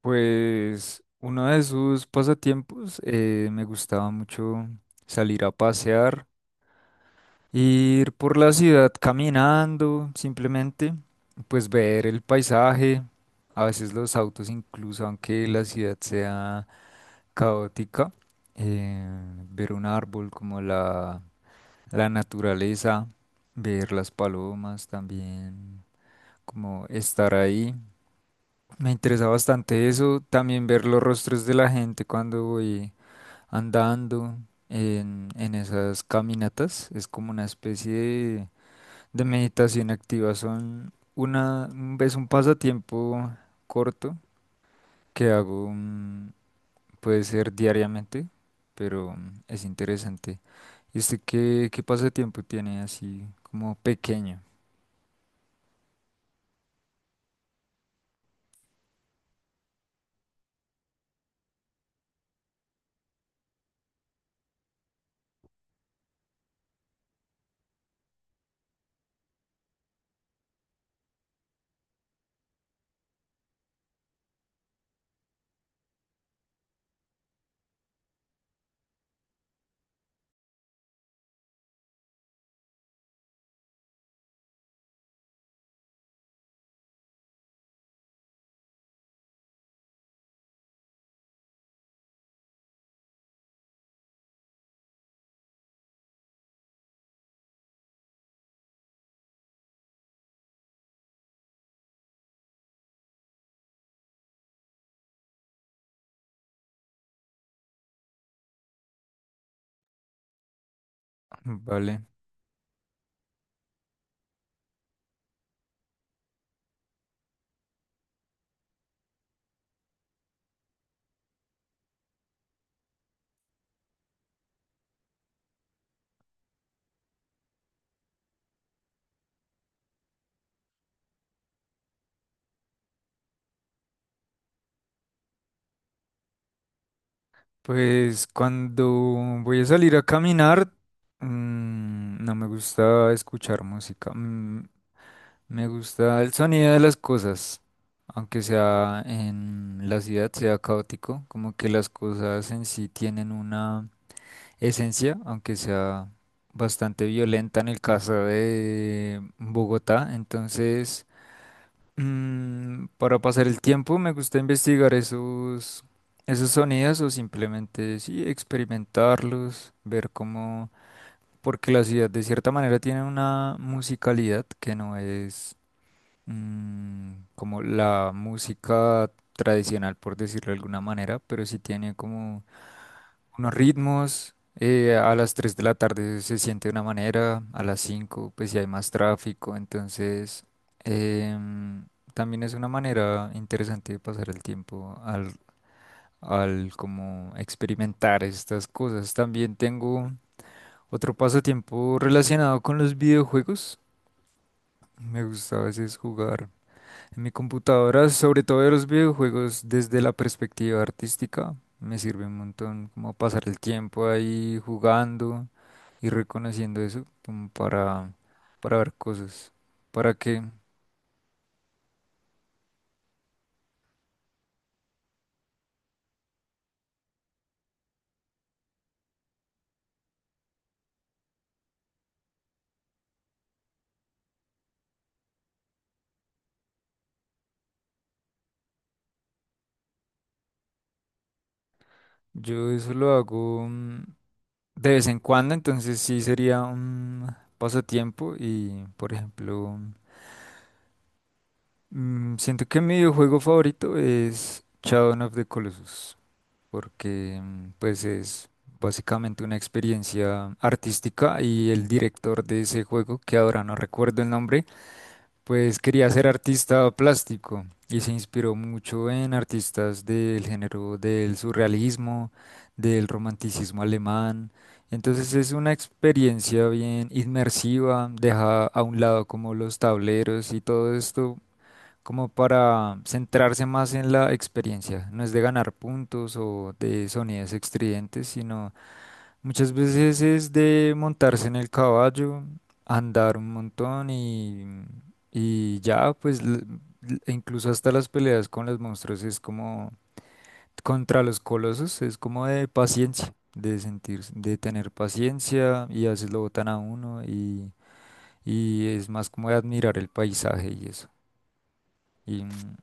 Pues uno de sus pasatiempos me gustaba mucho salir a pasear, ir por la ciudad caminando, simplemente, pues ver el paisaje, a veces los autos incluso, aunque la ciudad sea caótica, eh, ver un árbol como la naturaleza, ver las palomas también, como estar ahí. Me interesa bastante eso, también ver los rostros de la gente cuando voy andando en esas caminatas. Es como una especie de meditación activa. Son una, es un pasatiempo corto que hago, puede ser diariamente, pero es interesante. ¿Y usted qué, qué pasatiempo tiene así como pequeño? Vale. Pues cuando voy a salir a caminar, no me gusta escuchar música. Mm, Me gusta el sonido de las cosas, aunque sea en la ciudad, sea caótico, como que las cosas en sí tienen una esencia, aunque sea bastante violenta en el caso de Bogotá. Entonces, para pasar el tiempo me gusta investigar esos sonidos o simplemente sí, experimentarlos, ver cómo. Porque la ciudad de cierta manera tiene una musicalidad que no es, como la música tradicional, por decirlo de alguna manera, pero sí tiene como unos ritmos. A las 3 de la tarde se siente de una manera, a las 5 pues si hay más tráfico, entonces em, también es una manera interesante de pasar el tiempo al como experimentar estas cosas. También tengo otro pasatiempo relacionado con los videojuegos. Me gusta a veces jugar en mi computadora, sobre todo de los videojuegos, desde la perspectiva artística. Me sirve un montón como pasar el tiempo ahí jugando y reconociendo eso como para ver cosas. ¿Para que Yo eso lo hago, de vez en cuando, entonces sí sería un pasatiempo y, por ejemplo, siento que mi videojuego favorito es Shadow of the Colossus. Porque pues es básicamente una experiencia artística y el director de ese juego, que ahora no recuerdo el nombre, pues quería ser artista plástico y se inspiró mucho en artistas del género del surrealismo, del romanticismo alemán. Entonces es una experiencia bien inmersiva, deja a un lado como los tableros y todo esto como para centrarse más en la experiencia. No es de ganar puntos o de sonidos estridentes, sino muchas veces es de montarse en el caballo, andar un montón y ya, pues e incluso hasta las peleas con los monstruos es como contra los colosos, es como de paciencia, de sentir, de tener paciencia, y a veces lo botan a uno, y es más como de admirar el paisaje y eso. Y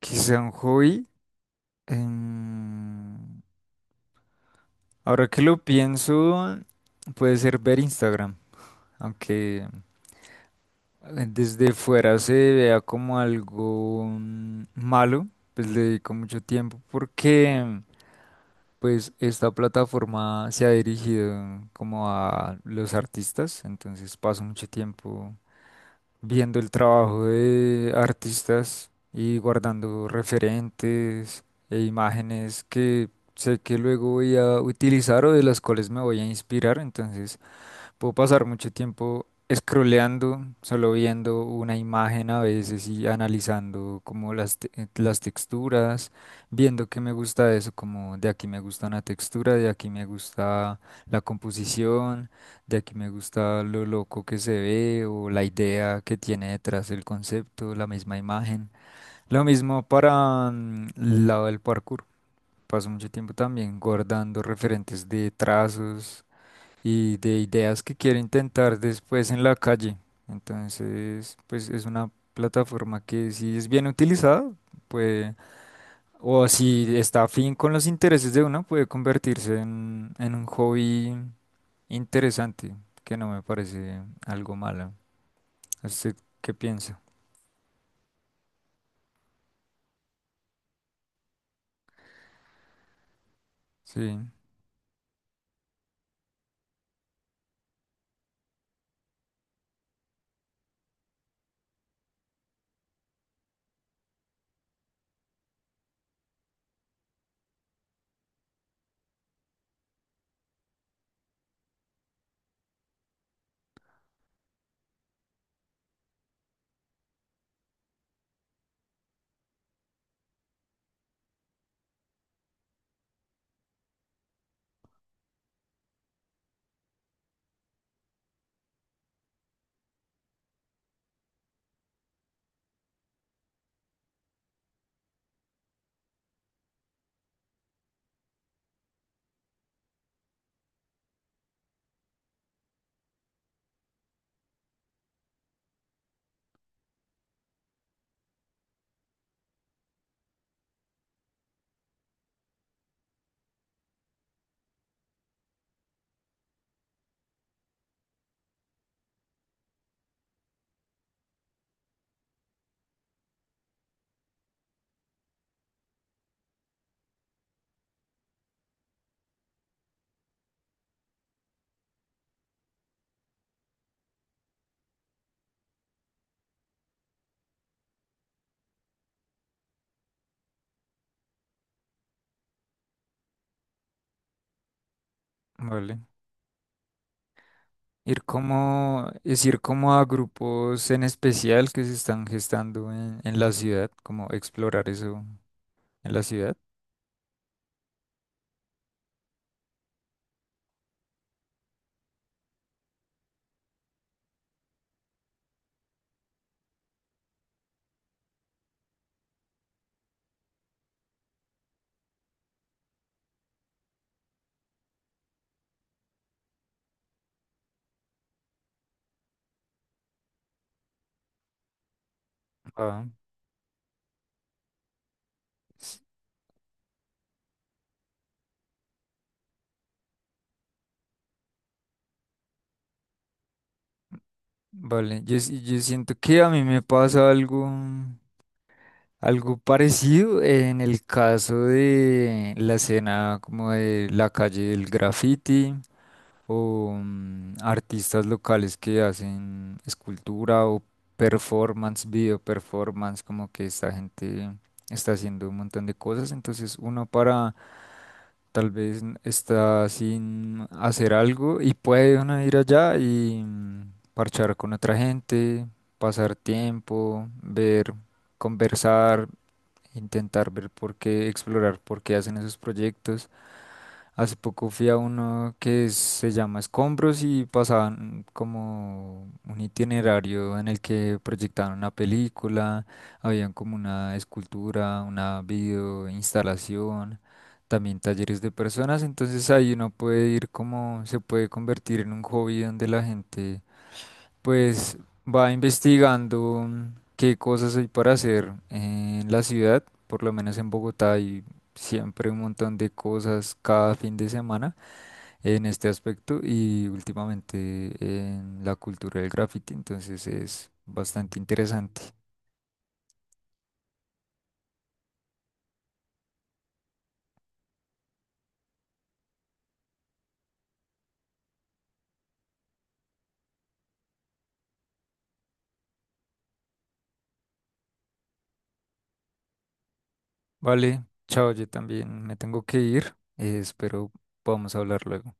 quizá un hobby, Em, ahora que lo pienso, puede ser ver Instagram, aunque desde fuera se vea como algo malo, pues le dedico mucho tiempo porque pues esta plataforma se ha dirigido como a los artistas, entonces paso mucho tiempo viendo el trabajo de artistas y guardando referentes e imágenes que sé que luego voy a utilizar o de las cuales me voy a inspirar. Entonces puedo pasar mucho tiempo scrolleando, solo viendo una imagen a veces y analizando como las texturas, viendo qué me gusta de eso, como de aquí me gusta una textura, de aquí me gusta la composición, de aquí me gusta lo loco que se ve o la idea que tiene detrás el concepto, la misma imagen. Lo mismo para, el lado del parkour. Paso mucho tiempo también guardando referentes de trazos y de ideas que quiero intentar después en la calle. Entonces, pues es una plataforma que si es bien utilizada, puede, o si está afín con los intereses de uno, puede convertirse en un hobby interesante, que no me parece algo malo. ¿Usted qué piensa? Sí, vale. Ir como, es ir como a grupos en especial que se están gestando en la ciudad, como explorar eso en la ciudad. Ah, sí. Vale, yo, sí, yo siento que a mí me pasa algo, algo parecido en el caso de la escena como de la calle del graffiti o artistas locales que hacen escultura o performance, video performance, como que esta gente está haciendo un montón de cosas, entonces uno para, tal vez está sin hacer algo y puede uno ir allá y, parchar con otra gente, pasar tiempo, ver, conversar, intentar ver por qué, explorar por qué hacen esos proyectos. Hace poco fui a uno que se llama Escombros y pasaban como un itinerario en el que proyectaban una película, habían como una escultura, una video instalación, también talleres de personas, entonces ahí uno puede ir como, se puede convertir en un hobby donde la gente pues va investigando, qué cosas hay para hacer en la ciudad, por lo menos en Bogotá hay siempre un montón de cosas cada fin de semana en este aspecto y últimamente en la cultura del graffiti, entonces es bastante interesante. Vale, chao, yo también me tengo que ir, espero podamos hablar luego.